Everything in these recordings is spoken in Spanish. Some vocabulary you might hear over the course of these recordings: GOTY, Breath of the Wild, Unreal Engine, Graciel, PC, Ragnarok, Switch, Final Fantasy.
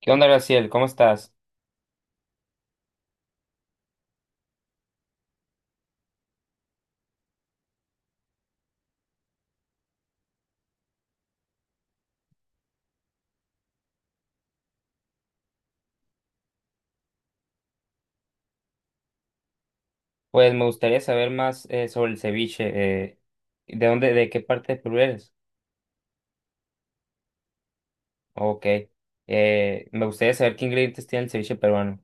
¿Qué onda, Graciel? ¿Cómo estás? Pues me gustaría saber más sobre el ceviche. ¿De dónde, de qué parte de Perú eres? Ok. Me gustaría saber qué ingredientes tiene el ceviche peruano.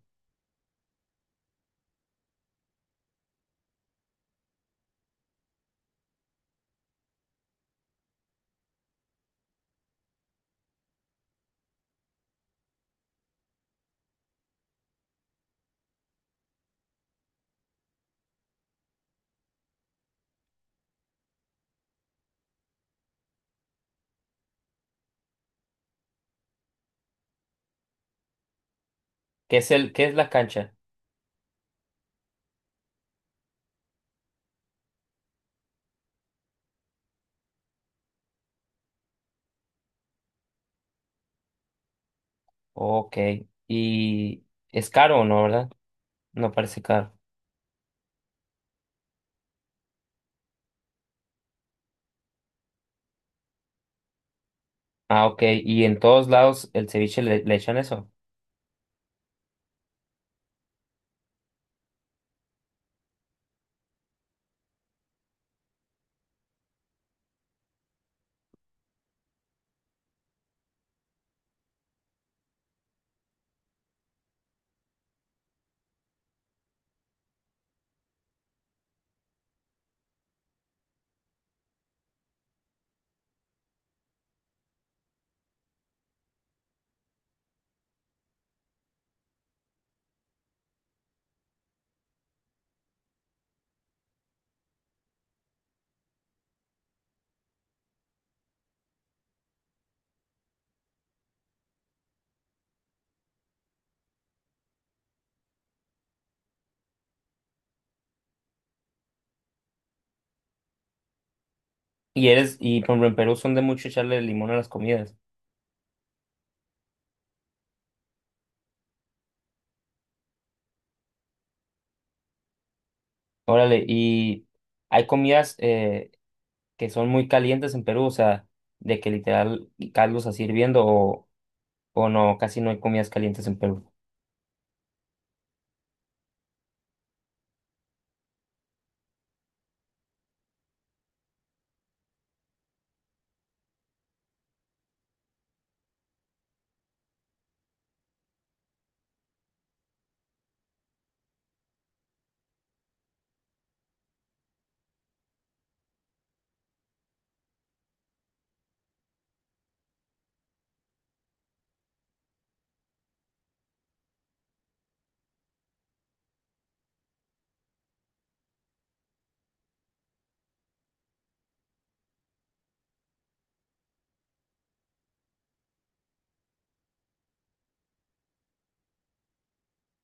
¿Qué es el, qué es la cancha? Ok. ¿Y es caro o no, verdad? No parece caro. Ah, ok. ¿Y en todos lados el ceviche le, le echan eso? Y eres, y por ejemplo en Perú son de mucho echarle limón a las comidas. Órale, ¿y hay comidas que son muy calientes en Perú? O sea, de que literal caldos así hirviendo o no, casi no hay comidas calientes en Perú.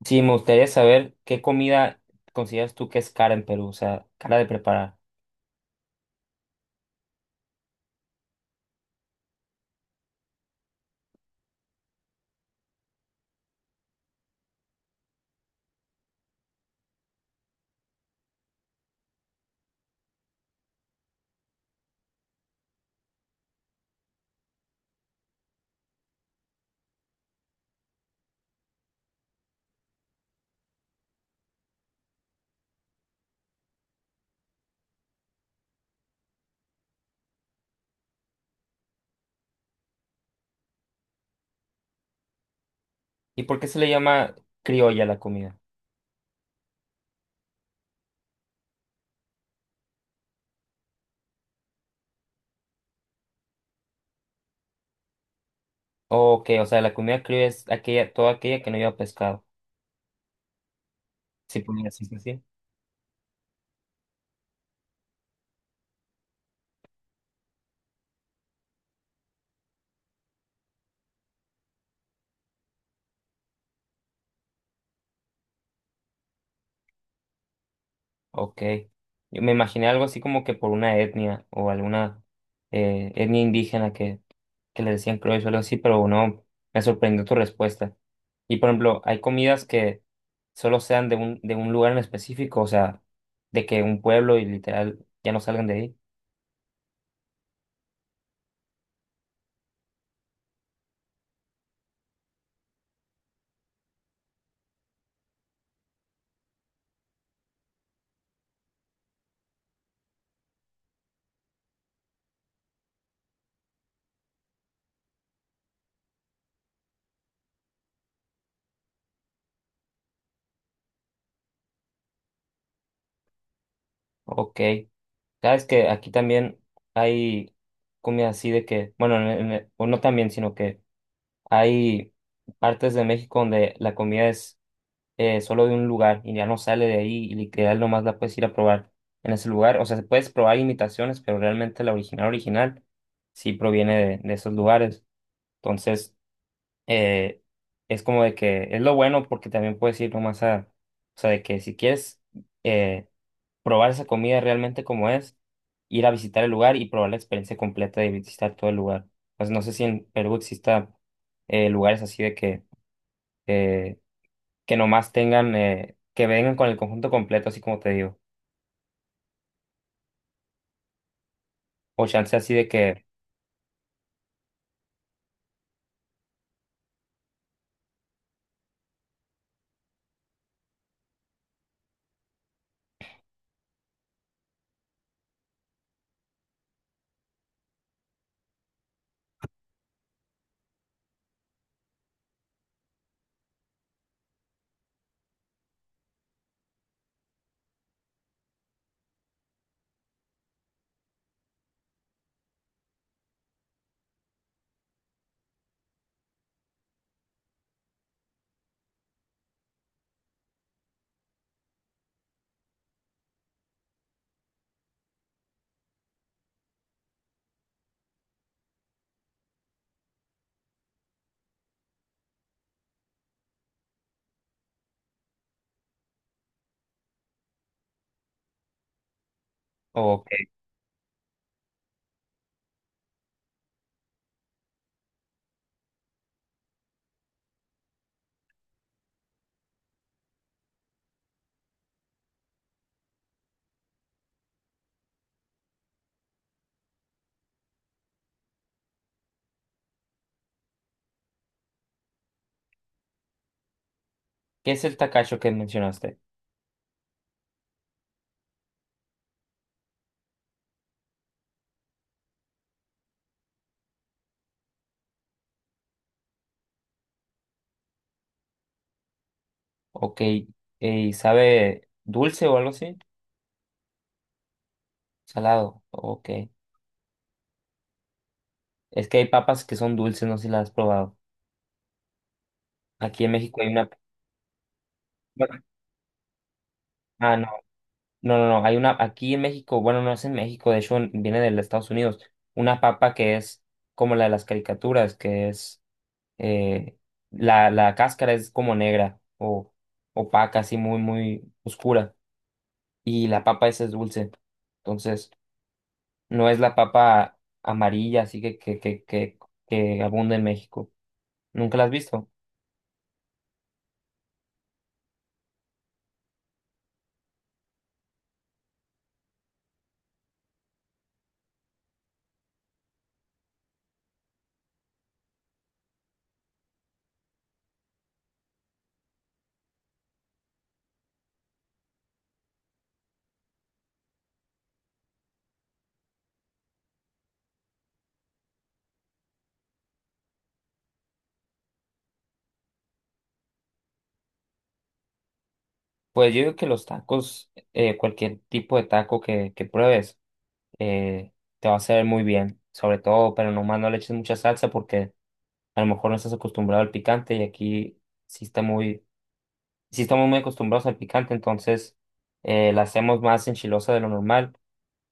Sí, me gustaría saber qué comida consideras tú que es cara en Perú, o sea, cara de preparar. ¿Y por qué se le llama criolla a la comida? O que, o sea, la comida criolla es aquella, toda aquella que no lleva pescado. Sí, podría decirse así. Ok. Yo me imaginé algo así como que por una etnia o alguna etnia indígena que le decían criollos o algo así, pero no, me sorprendió tu respuesta. Y por ejemplo, hay comidas que solo sean de un lugar en específico, o sea, de que un pueblo y literal ya no salgan de ahí. Ok. Sabes que aquí también hay comida así de que, bueno, en- o no también, sino que hay partes de México donde la comida es solo de un lugar y ya no sale de ahí y literal nomás la puedes ir a probar en ese lugar. O sea, se puedes probar imitaciones, pero realmente la original original sí proviene de esos lugares. Entonces, eh, es como de que es lo bueno porque también puedes ir nomás a, o sea, de que si quieres eh, probar esa comida realmente como es, ir a visitar el lugar y probar la experiencia completa de visitar todo el lugar. Pues no sé si en Perú exista lugares así de eh, que nomás tengan, que vengan con el conjunto completo, así como te digo. O chance así de que, o que, ¿qué es el tacacho que mencionaste? Ok, ¿sabe dulce o algo así? Salado, ok. Es que hay papas que son dulces, no sé si las has probado. Aquí en México hay una... bueno, ah, no, no, no, no, hay una, aquí en México, bueno, no es en México, de hecho en- viene de Estados Unidos, una papa que es como la de las caricaturas, que es eh, la, la cáscara es como negra o opaca, así muy, muy oscura. Y la papa esa es dulce. Entonces, no es la papa amarilla, así que abunda en México. ¿Nunca la has visto? Pues yo digo que los tacos, cualquier tipo de taco que pruebes, eh, te va a hacer muy bien. Sobre todo, pero nomás no le eches mucha salsa porque a lo mejor no estás acostumbrado al picante y aquí sí está muy sí estamos muy acostumbrados al picante, entonces la hacemos más enchilosa de lo normal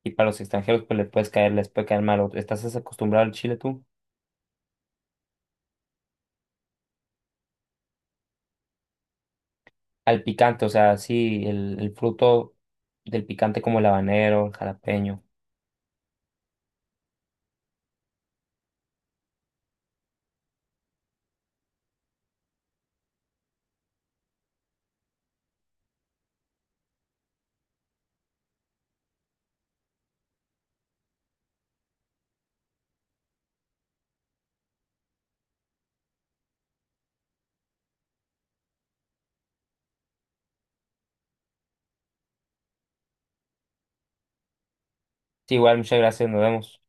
y para los extranjeros pues les puedes caer, les puede caer mal. O- ¿Estás acostumbrado al chile tú? Al picante, o sea, sí, el fruto del picante como el habanero, el jalapeño. Sí, igual, muchas gracias, nos vemos.